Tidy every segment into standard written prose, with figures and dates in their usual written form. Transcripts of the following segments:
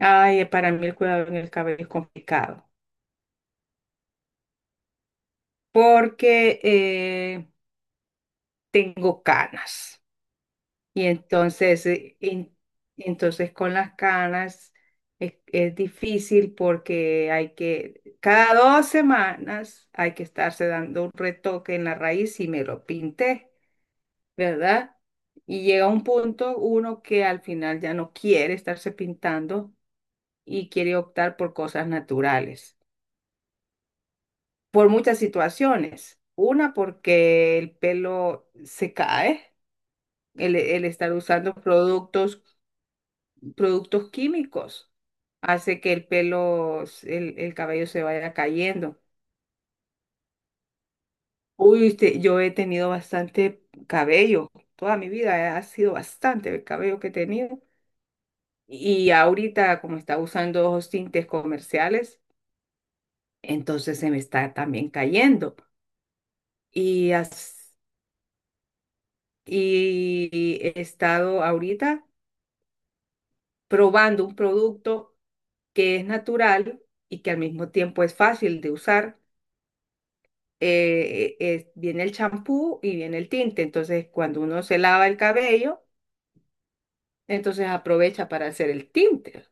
Ay, para mí el cuidado en el cabello es complicado porque tengo canas y entonces, entonces con las canas es difícil porque hay que, cada 2 semanas hay que estarse dando un retoque en la raíz y me lo pinté, ¿verdad? Y llega un punto uno que al final ya no quiere estarse pintando y quiere optar por cosas naturales. Por muchas situaciones. Una, porque el pelo se cae, el estar usando productos, productos químicos hace que el pelo, el cabello se vaya cayendo. Uy, yo he tenido bastante cabello, toda mi vida ha sido bastante el cabello que he tenido. Y ahorita, como está usando ojos tintes comerciales, entonces se me está también cayendo. Y y he estado ahorita probando un producto que es natural y que al mismo tiempo es fácil de usar. Viene el champú y viene el tinte. Entonces, cuando uno se lava el cabello, entonces aprovecha para hacer el tinte.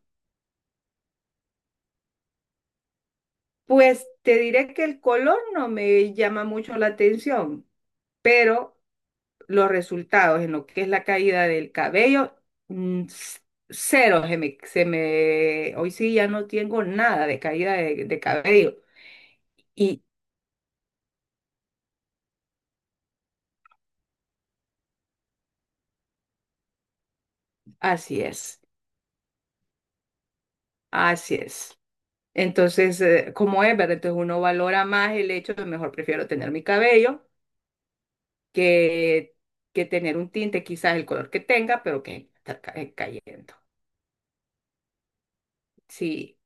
Pues te diré que el color no me llama mucho la atención, pero los resultados en lo que es la caída del cabello, mm, c- cero, hoy sí ya no tengo nada de caída de cabello. Y así es. Así es. Entonces, como es, ¿verdad? Entonces uno valora más el hecho de mejor prefiero tener mi cabello que, que tener un tinte, quizás el color que tenga, pero que está cayendo. Sí.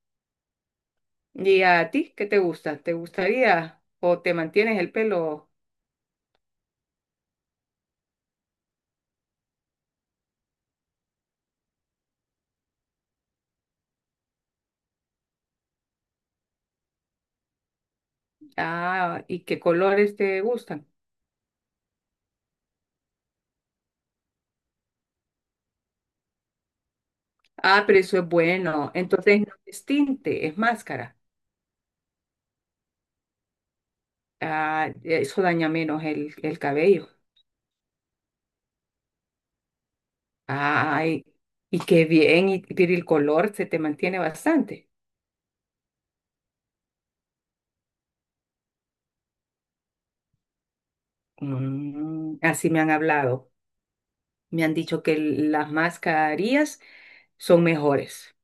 ¿Y a ti qué te gusta? ¿Te gustaría o te mantienes el pelo? Ah, ¿y qué colores te gustan? Ah, pero eso es bueno. Entonces no es tinte, es máscara. Ah, eso daña menos el cabello. Ay, y qué bien, y, pero el color se te mantiene bastante. Así me han hablado. Me han dicho que el- las mascarillas son mejores.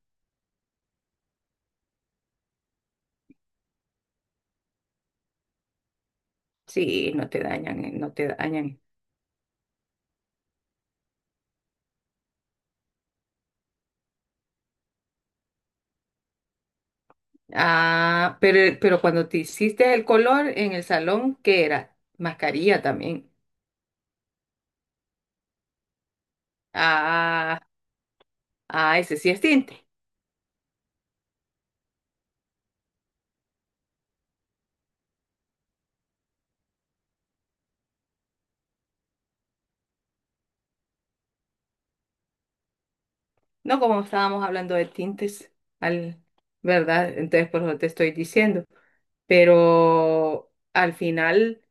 Sí, no te dañan, no te dañan. Ah, pero cuando te hiciste el color en el salón, ¿qué era? Mascarilla también. Ah, ah, ese sí es tinte. No como estábamos hablando de tintes, al, ¿verdad? Entonces, por eso te estoy diciendo. Pero al final.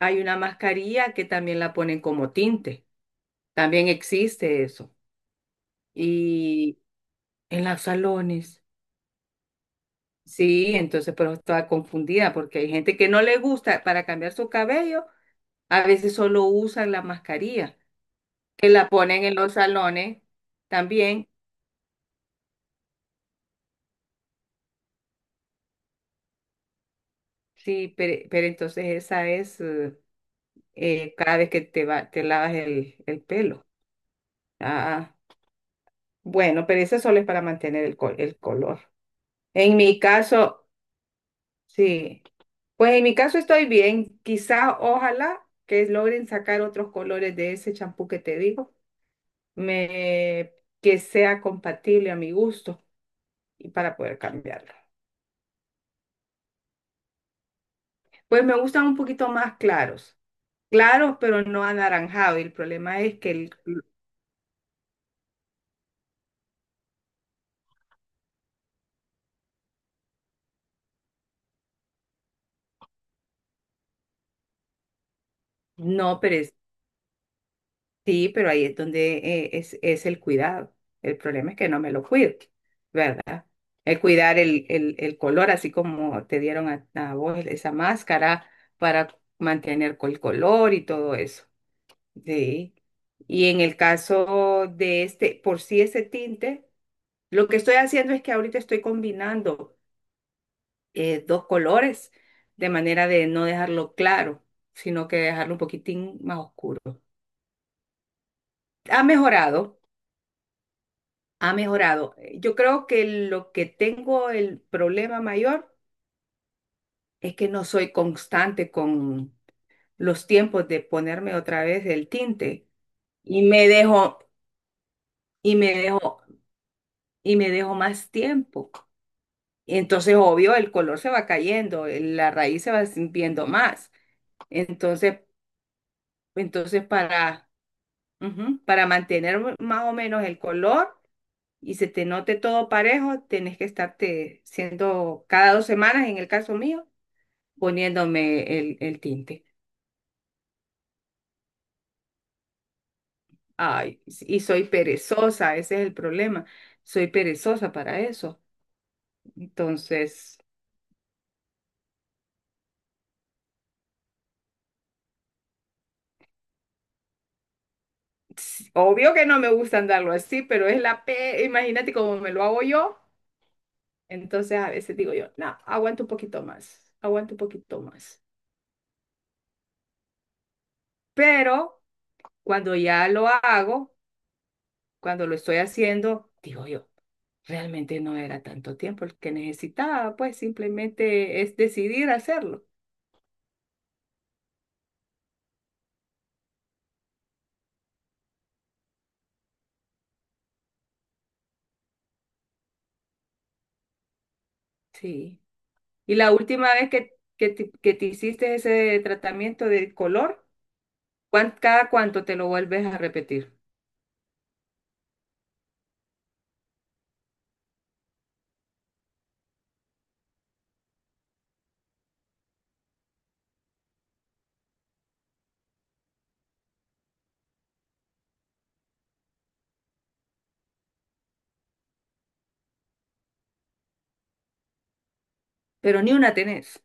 Hay una mascarilla que también la ponen como tinte. También existe eso. Y en los salones. Sí, entonces, pero estaba confundida porque hay gente que no le gusta para cambiar su cabello, a veces solo usan la mascarilla, que la ponen en los salones también. Sí, pero entonces esa es cada vez que te va, te lavas el pelo. Ah, bueno, pero esa solo es para mantener el color. En mi caso, sí. Pues en mi caso estoy bien. Quizás, ojalá que logren sacar otros colores de ese champú que te digo, me, que sea compatible a mi gusto y para poder cambiarlo. Pues me gustan un poquito más claros. Claros, pero no anaranjado. Y el problema es que el- no, pero es- sí, pero ahí es donde es el cuidado. El problema es que no me lo cuido, ¿verdad? El cuidar el color, así como te dieron a vos esa máscara para mantener el color y todo eso. Sí. Y en el caso de este, por sí ese tinte, lo que estoy haciendo es que ahorita estoy combinando dos colores de manera de no dejarlo claro, sino que dejarlo un poquitín más oscuro. Ha mejorado, ha mejorado. Yo creo que lo que tengo el problema mayor es que no soy constante los tiempos de ponerme otra vez el tinte y me dejo y me dejo y me dejo más tiempo. Entonces, obvio, el color se va cayendo, la raíz se va sintiendo más. Entonces, para ujú, para mantener más o menos el color y se te note todo parejo, tenés que estarte siendo cada 2 semanas, en el caso mío, poniéndome el tinte. Ay, y soy perezosa, ese es el problema. Soy perezosa para eso. Entonces, s- obvio que no me gusta andarlo así, pero es la P, imagínate cómo me lo hago yo. Entonces a veces digo yo, no, aguanto un poquito más, aguanto un poquito más. Pero cuando ya lo hago, cuando lo estoy haciendo, digo yo, realmente no era tanto tiempo el que necesitaba, pues simplemente es decidir hacerlo. Sí. Y la última vez que te hiciste ese tratamiento de color, ¿cada cuánto te lo vuelves a repetir? Pero ni una tenés.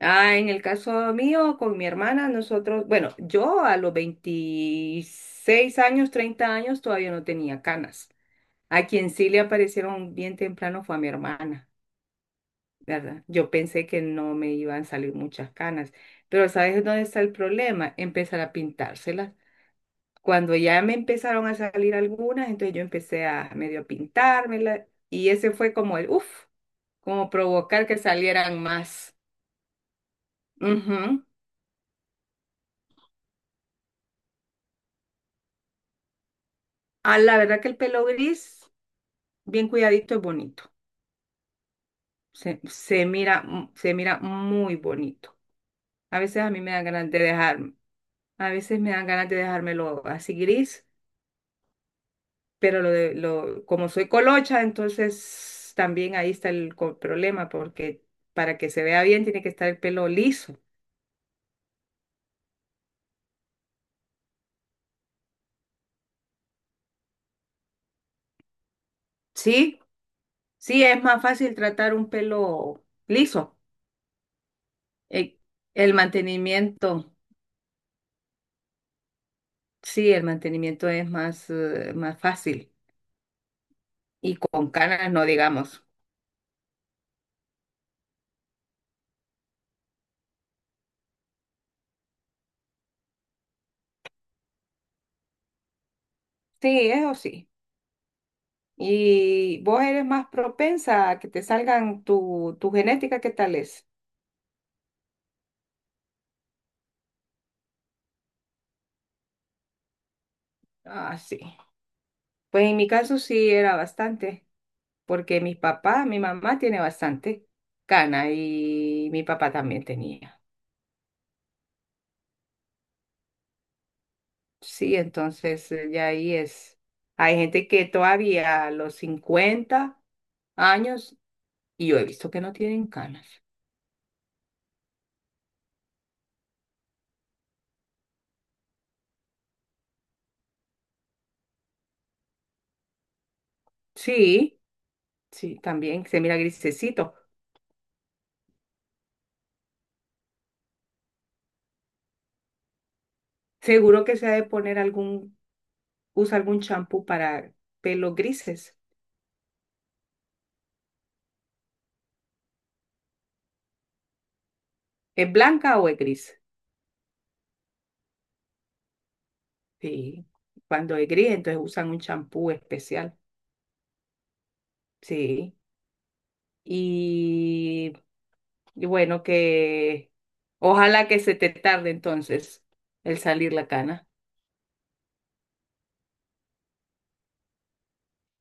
Ah, en el caso mío, con mi hermana, nosotros, bueno, yo a los 26 años, 30 años, todavía no tenía canas. A quien sí le aparecieron bien temprano fue a mi hermana, ¿verdad? Yo pensé que no me iban a salir muchas canas, pero ¿sabes dónde está el problema? Empezar a pintárselas. Cuando ya me empezaron a salir algunas, entonces yo empecé a medio pintármelas y ese fue como el, uff, como provocar que salieran más. Ujú. Ah, la verdad que el pelo gris bien cuidadito es bonito. Se, se mira muy bonito. A veces a mí me dan ganas de dejarme. A veces me dan ganas de dejármelo así gris, pero lo de, lo, como soy colocha, entonces también ahí está el problema, porque para que se vea bien tiene que estar el pelo liso. Sí, sí, es más fácil tratar un pelo liso. Eh, El mantenimiento, sí, el mantenimiento es más, más fácil. Y con canas no digamos. Sí, eso sí. Y vos eres más propensa a que te salgan tu genética, ¿qué tal es? Ah, sí. Pues en mi caso sí era bastante, porque mi papá, mi mamá tiene bastante cana y mi papá también tenía. Sí, entonces ya ahí es. Hay gente que todavía a los 50 años, y yo he visto que no tienen canas. Sí, sí, también se mira grisecito. Seguro que se ha de poner algún usa algún champú para pelos grises. ¿Es blanca o es gris? Sí. Cuando es gris, entonces usan un champú especial. Sí. Y, y bueno, que ojalá que se te tarde entonces el salir la cana.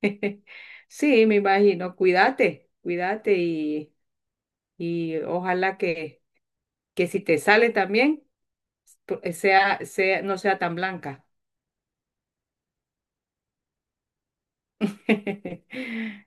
Sí, me imagino. Cuídate, cuídate y ojalá que si te sale también, pu- sea, sea, no sea tan blanca.